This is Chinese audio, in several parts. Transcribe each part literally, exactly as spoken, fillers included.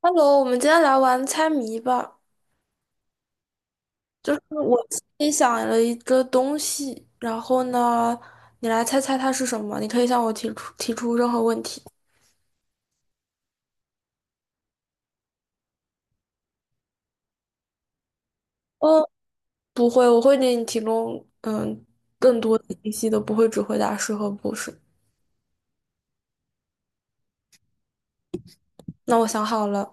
Hello，我们今天来玩猜谜吧。就是我心里想了一个东西，然后呢，你来猜猜它是什么。你可以向我提出提出任何问题。嗯，不会，我会给你提供嗯更多的信息的，不会只回答是和不是。那我想好了，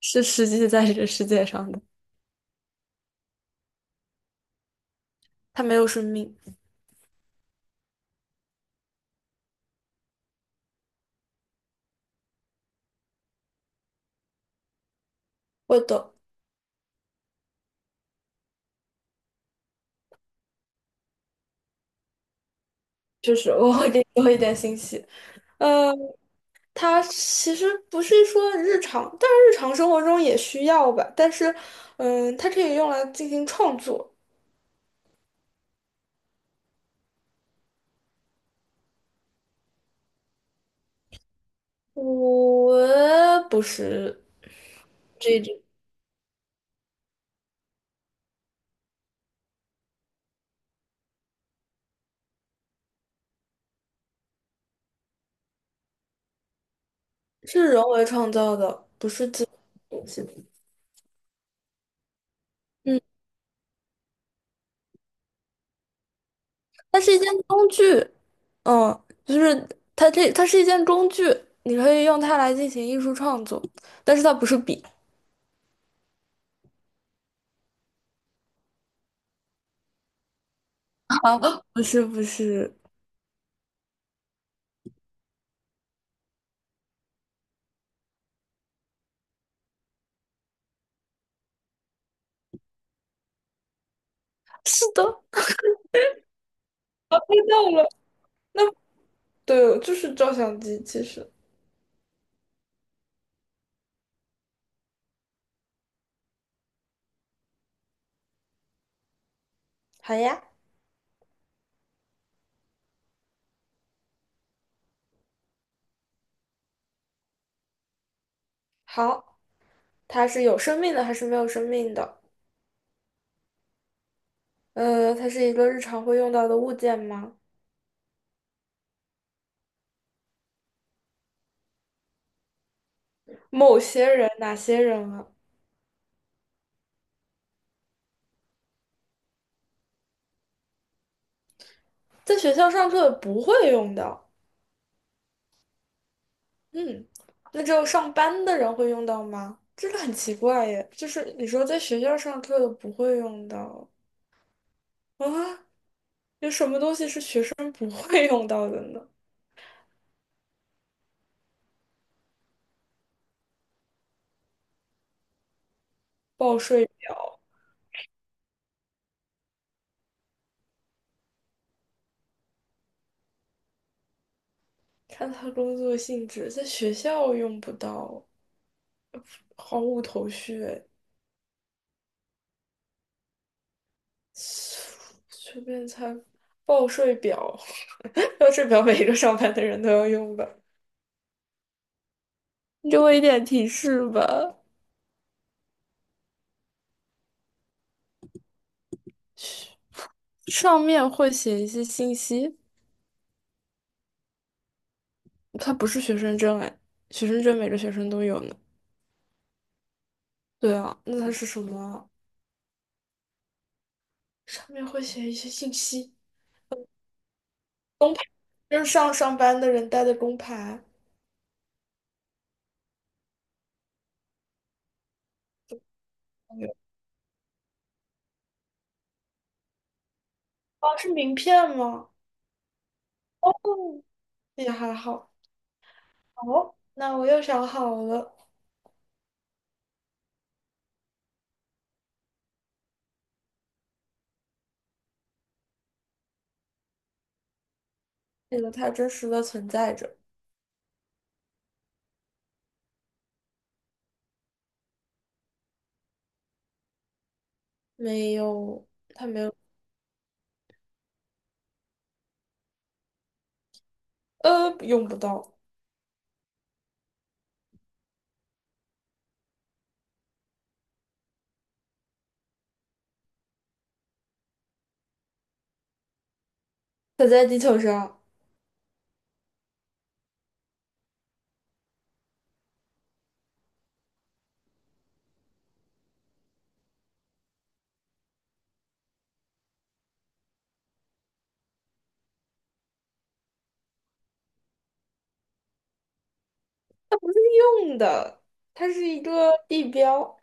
是实际在这个世界上的，它没有生命。会的，就是我会给你多一点信息。嗯。它其实不是说日常，但是日常生活中也需要吧。但是，嗯，它可以用来进行创作。我不是这种，是人为创造的，不是自己东西。嗯，它是一件工具。嗯，就是它这它是一件工具，你可以用它来进行艺术创作，但是它不是笔啊，不是不是，是的，猜到了。那对，就是照相机，其实。好呀，好。它是有生命的还是没有生命的？呃，它是一个日常会用到的物件吗？某些人，哪些人啊？在学校上课不会用到，嗯，那只有上班的人会用到吗？这个很奇怪耶，就是你说在学校上课的不会用到啊，有什么东西是学生不会用到的呢？报税，看他工作性质，在学校用不到，毫无头绪。随便猜，报税表，报税表每一个上班的人都要用吧？你给我一点提示吧。上面会写一些信息，它不是学生证哎，学生证每个学生都有呢。对啊，那它是什么啊，上面会写一些信息，就是上上班的人带的工牌。有哦，是名片吗？哦，也还好。哦，那我又想好了，这个它真实的存在着，没有。呃，用不到，它在地球上用的，它是一个地标。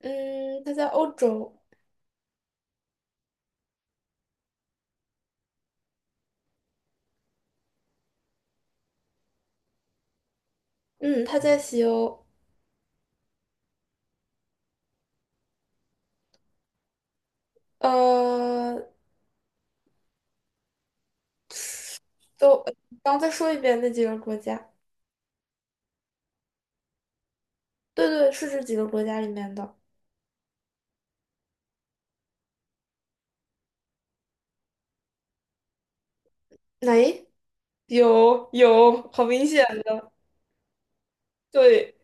嗯，它在欧洲。嗯，它在西欧。呃，都，刚再说一遍那几个国家。对对，是这几个国家里面的。哎，有有，好明显的，对。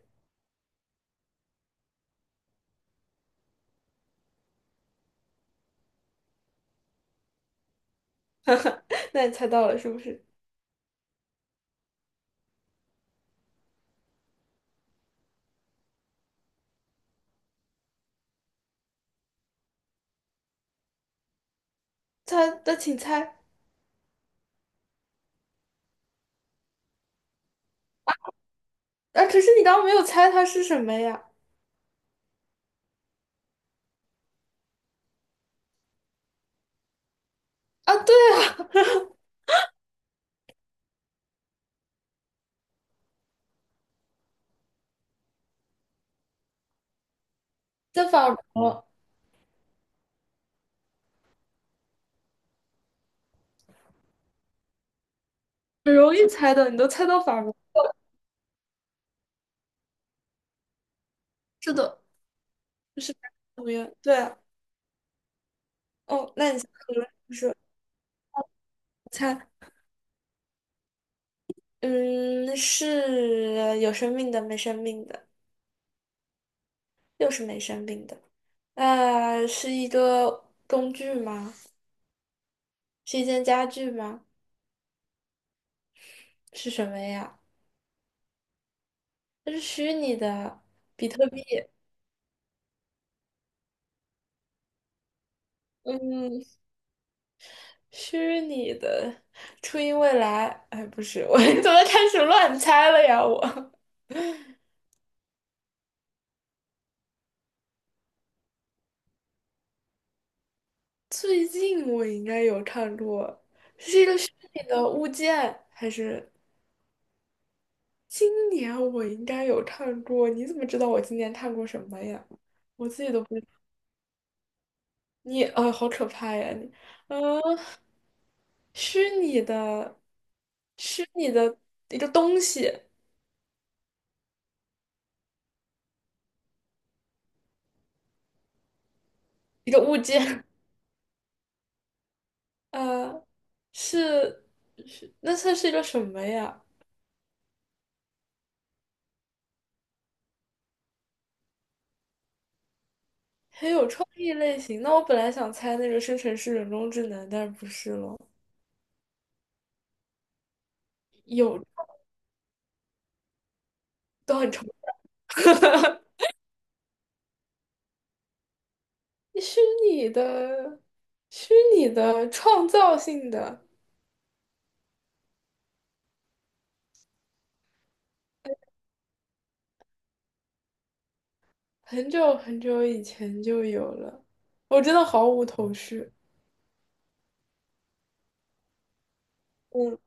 那你猜到了是不是？猜，那请猜。啊，可是你刚刚没有猜它是什么呀？啊，对啊，在法国。很容易猜的，你都猜到法国。是的，就是纽约，对。哦，那你可能就是猜。嗯，是有生命的，没生命的？又是没生命的。呃，是一个工具吗？是一件家具吗？是什么呀？它是虚拟的，比特币，嗯，虚拟的，初音未来，哎，不是，我 怎么开始乱猜了呀？我 最近我应该有看过那个物件，还是？今年我应该有看过，你怎么知道我今年看过什么呀？我自己都不知。你啊，好可怕呀！你，嗯、虚拟的，虚拟的一个东西，一个物件，呃，是是，那算是一个什么呀？很有创意类型。那我本来想猜那个生成式人工智能，但是不是咯，有都很抽象。虚拟的，虚拟的创造性的。很久很久以前就有了，我真的毫无头绪。嗯，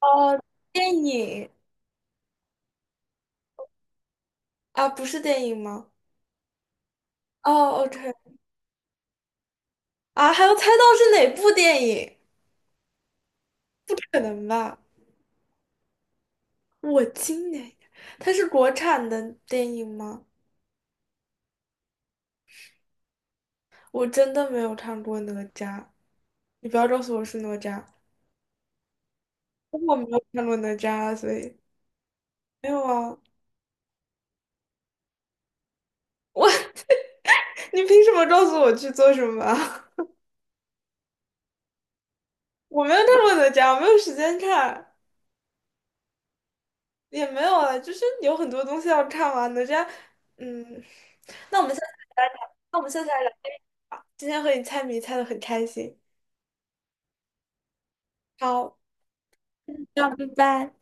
哦，电影啊，不是电影吗？哦，OK，啊，还要猜到是哪部电影？不可能吧？我今年，它是国产的电影吗？我真的没有看过哪吒，你不要告诉我是哪吒，我没有看过哪吒，啊所以没有啊。我，你凭什么告诉我去做什么啊？我没有看过哪吒，我没有时间看。也没有啊，就是有很多东西要看完的。这样，嗯，那我们下次来聊，那我们下次来聊。今天和你猜谜猜的很开心，好，那拜拜。